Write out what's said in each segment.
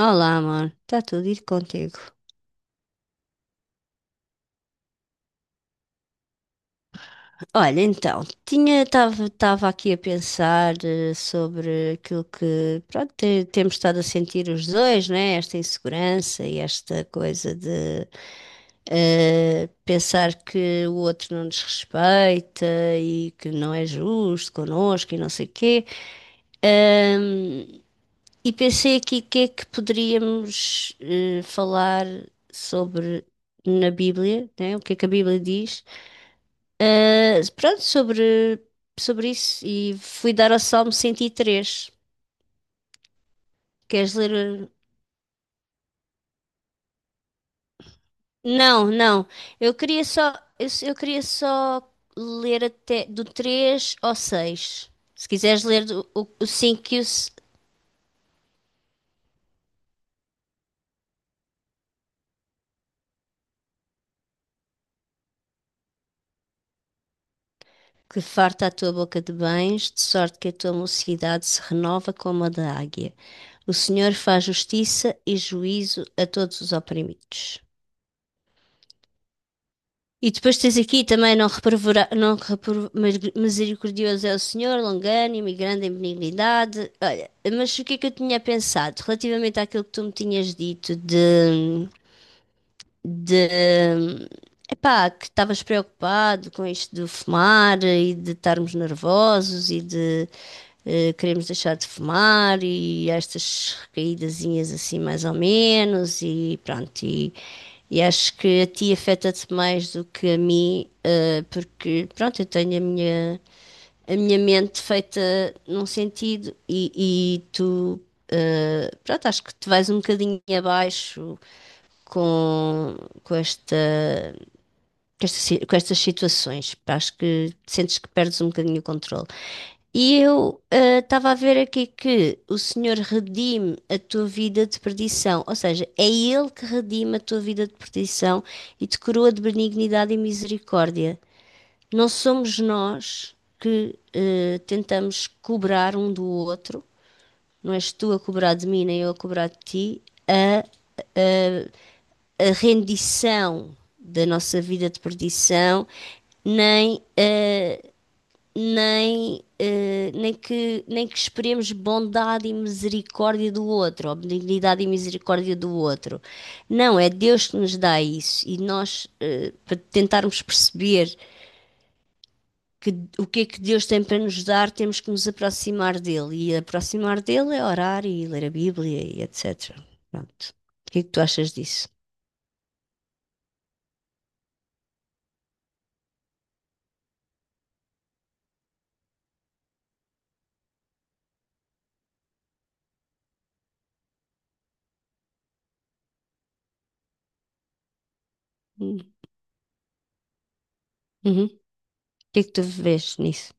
Olá, amor. Está tudo ir contigo. Olha, então, tinha estava aqui a pensar sobre aquilo que, pronto, temos estado a sentir os dois, né? Esta insegurança e esta coisa de pensar que o outro não nos respeita e que não é justo connosco e não sei o quê. Ahm, e pensei aqui o que é que poderíamos falar sobre na Bíblia, né? O que é que a Bíblia diz? Ah, pronto, sobre isso. E fui dar ao Salmo 103. Queres ler? Não, não. Eu queria só, eu queria só ler até do 3 ao 6. Se quiseres ler o 5 e o. Que farta a tua boca de bens, de sorte que a tua mocidade se renova como a da águia. O Senhor faz justiça e juízo a todos os oprimidos. E depois tens aqui também não reprovar, mas misericordioso é o Senhor, longânimo e grande em benignidade. Olha, mas o que é que eu tinha pensado relativamente àquilo que tu me tinhas dito de epá, que estavas preocupado com isto de fumar e de estarmos nervosos e de queremos deixar de fumar e estas recaídazinhas assim mais ou menos e pronto e acho que a ti afeta-te mais do que a mim porque pronto eu tenho a minha mente feita num sentido e tu pronto acho que te vais um bocadinho abaixo com, com esta, com esta com estas situações. Pá, acho que sentes que perdes um bocadinho o controle. E eu estava a ver aqui que o Senhor redime a tua vida de perdição, ou seja, é Ele que redime a tua vida de perdição e te coroa de benignidade e misericórdia. Não somos nós que tentamos cobrar um do outro, não és tu a cobrar de mim, nem eu a cobrar de ti, a a a rendição da nossa vida de perdição, nem, uh, nem que esperemos bondade e misericórdia do outro, ou benignidade e misericórdia do outro. Não, é Deus que nos dá isso e nós, para tentarmos perceber que, o que é que Deus tem para nos dar, temos que nos aproximar dele. E aproximar dele é orar e ler a Bíblia e etc. Pronto. O que é que tu achas disso? Uhum. Que é que tu vês nisso?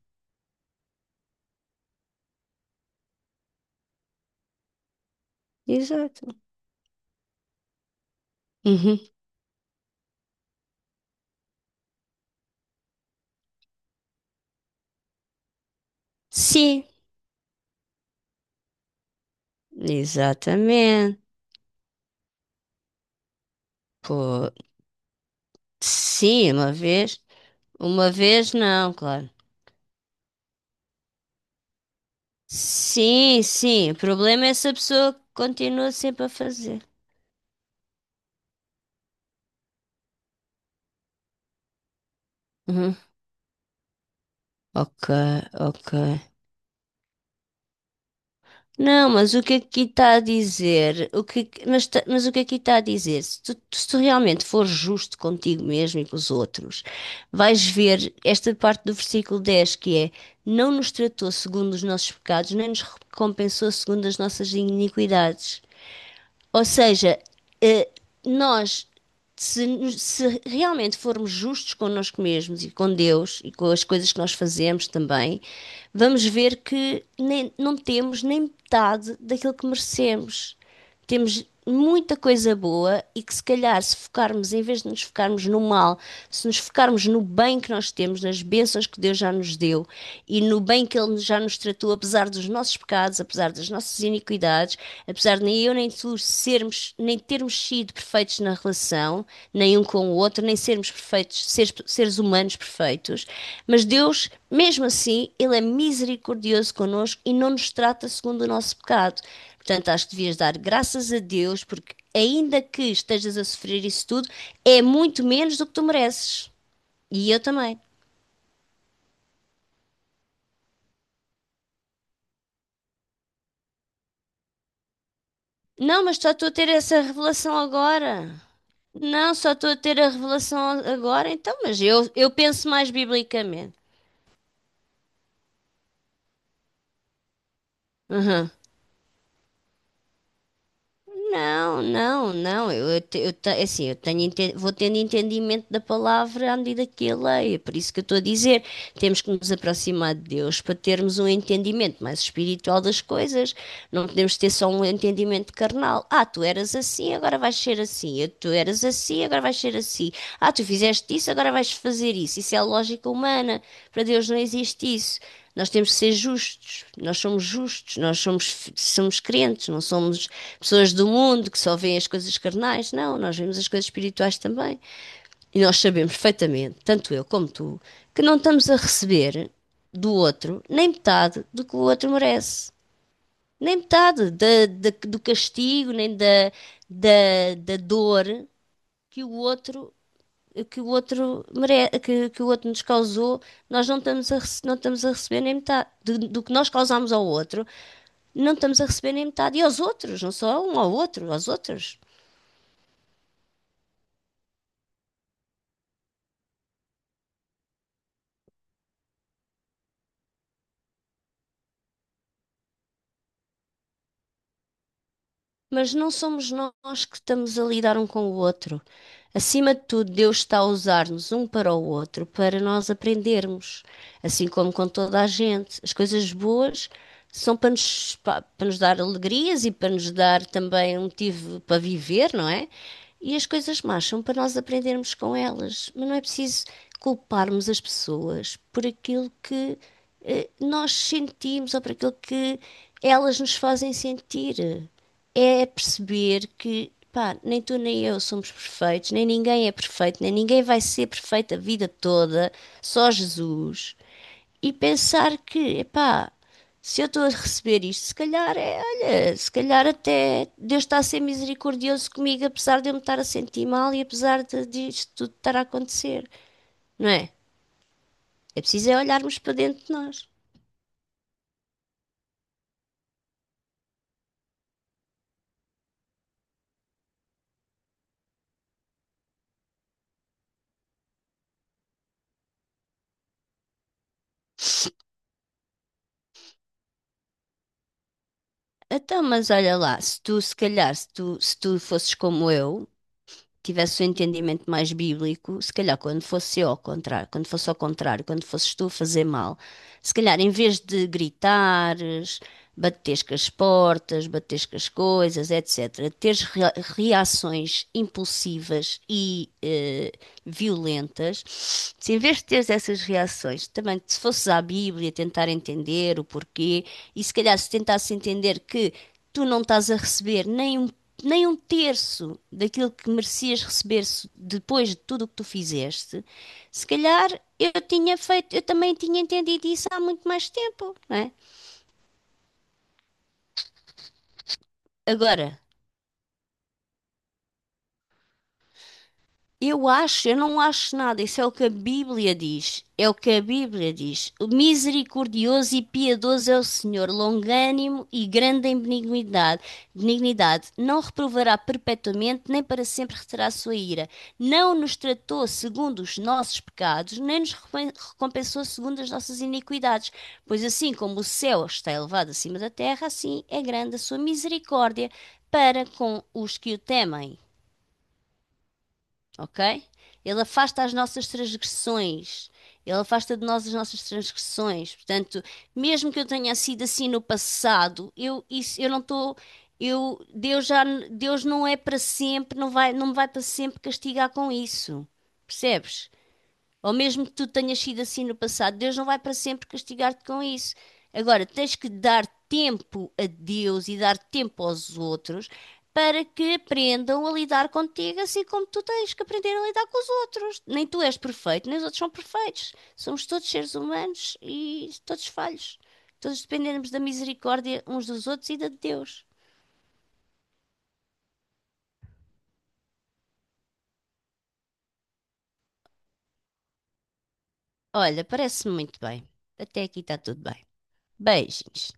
Exato. Uhum. Sim, exatamente. Pô, sim, uma vez. Uma vez não, claro. Sim, sim. O problema é se a pessoa continua sempre a fazer. Uhum. Ok, ok. Não, mas o que aqui está a dizer? O que, mas, ta- mas o que aqui está a dizer? Se tu, se tu realmente fores justo contigo mesmo e com os outros, vais ver esta parte do versículo 10 que é: não nos tratou segundo os nossos pecados, nem nos recompensou segundo as nossas iniquidades. Ou seja, nós, se, se realmente formos justos connosco mesmos e com Deus e com as coisas que nós fazemos também, vamos ver que não temos nem metade daquilo que merecemos, temos muita coisa boa e que se calhar se focarmos, em vez de nos focarmos no mal, se nos focarmos no bem que nós temos, nas bênçãos que Deus já nos deu e no bem que Ele já nos tratou, apesar dos nossos pecados, apesar das nossas iniquidades, apesar de nem eu nem tu sermos, nem termos sido perfeitos na relação, nem um com o outro, nem sermos perfeitos, seres humanos perfeitos, mas Deus, mesmo assim, Ele é misericordioso connosco e não nos trata segundo o nosso pecado. Portanto, acho que devias dar graças a Deus, porque ainda que estejas a sofrer isso tudo, é muito menos do que tu mereces. E eu também. Não, mas só estou a ter essa revelação agora. Não, só estou a ter a revelação agora, então, mas eu penso mais biblicamente. Uhum. Não, não, não. É assim, vou tendo entendimento da palavra à medida que a leio. É por isso que eu estou a dizer, temos que nos aproximar de Deus para termos um entendimento mais espiritual das coisas. Não podemos ter só um entendimento carnal. Ah, tu eras assim, agora vais ser assim. Sim, tu eras assim, agora vais ser assim. Ah, tu fizeste isso, agora vais fazer isso. Isso é a lógica humana. Para Deus não existe isso. Nós temos que ser justos. Nós somos justos, nós somos, somos crentes, não somos pessoas do mundo que só veem as coisas carnais. Não, nós vemos as coisas espirituais também. E nós sabemos perfeitamente, tanto eu como tu, que não estamos a receber do outro nem metade do que o outro merece. Nem metade do castigo, nem da, da, da dor que o outro que o outro que o outro nos causou, nós não estamos a não estamos a receber nem metade do que nós causamos ao outro, não estamos a receber nem metade. E aos outros, não só a um, ao outro, aos outros. Mas não somos nós que estamos a lidar um com o outro. Acima de tudo, Deus está a usar-nos um para o outro para nós aprendermos, assim como com toda a gente. As coisas boas são para para nos dar alegrias e para nos dar também um motivo para viver, não é? E as coisas más são para nós aprendermos com elas. Mas não é preciso culparmos as pessoas por aquilo que nós sentimos ou por aquilo que elas nos fazem sentir, é perceber que, pá, nem tu nem eu somos perfeitos, nem ninguém é perfeito, nem ninguém vai ser perfeito a vida toda, só Jesus. E pensar que, epá, se eu estou a receber isto, se calhar é, olha, se calhar até Deus está a ser misericordioso comigo, apesar de eu me estar a sentir mal e apesar de disto tudo estar a acontecer, não é? É preciso é olharmos para dentro de nós. Então, mas olha lá, se tu, se calhar, se tu, se tu fosses como eu, tivesse o entendimento mais bíblico, se calhar quando fosse ao contrário, quando fosses tu a fazer mal, se calhar em vez de gritar, bateres com as portas, bateres com as coisas, etc. Teres reações impulsivas e violentas, se em vez de teres essas reações, também se fosses à Bíblia tentar entender o porquê, e se calhar se tentasses entender que tu não estás a receber nem um nem um terço daquilo que merecias receber depois de tudo o que tu fizeste, se calhar eu tinha feito, eu também tinha entendido isso há muito mais tempo, não é? Agora, eu acho, eu não acho nada. Isso é o que a Bíblia diz. É o que a Bíblia diz. O misericordioso e piedoso é o Senhor, longânimo e grande em benignidade. Benignidade. Não reprovará perpetuamente, nem para sempre reterá a sua ira. Não nos tratou segundo os nossos pecados, nem nos recompensou segundo as nossas iniquidades. Pois assim como o céu está elevado acima da terra, assim é grande a sua misericórdia para com os que o temem, ok? Ele afasta as nossas transgressões. Ele afasta de nós as nossas transgressões. Portanto, mesmo que eu tenha sido assim no passado, eu isso eu não estou eu Deus já Deus não é para sempre, não me vai para sempre castigar com isso. Percebes? Ou mesmo que tu tenhas sido assim no passado, Deus não vai para sempre castigar-te com isso. Agora, tens que dar tempo a Deus e dar tempo aos outros para que aprendam a lidar contigo, assim como tu tens que aprender a lidar com os outros. Nem tu és perfeito, nem os outros são perfeitos. Somos todos seres humanos e todos falhos. Todos dependemos da misericórdia uns dos outros e da de Deus. Olha, parece-me muito bem. Até aqui está tudo bem. Beijinhos.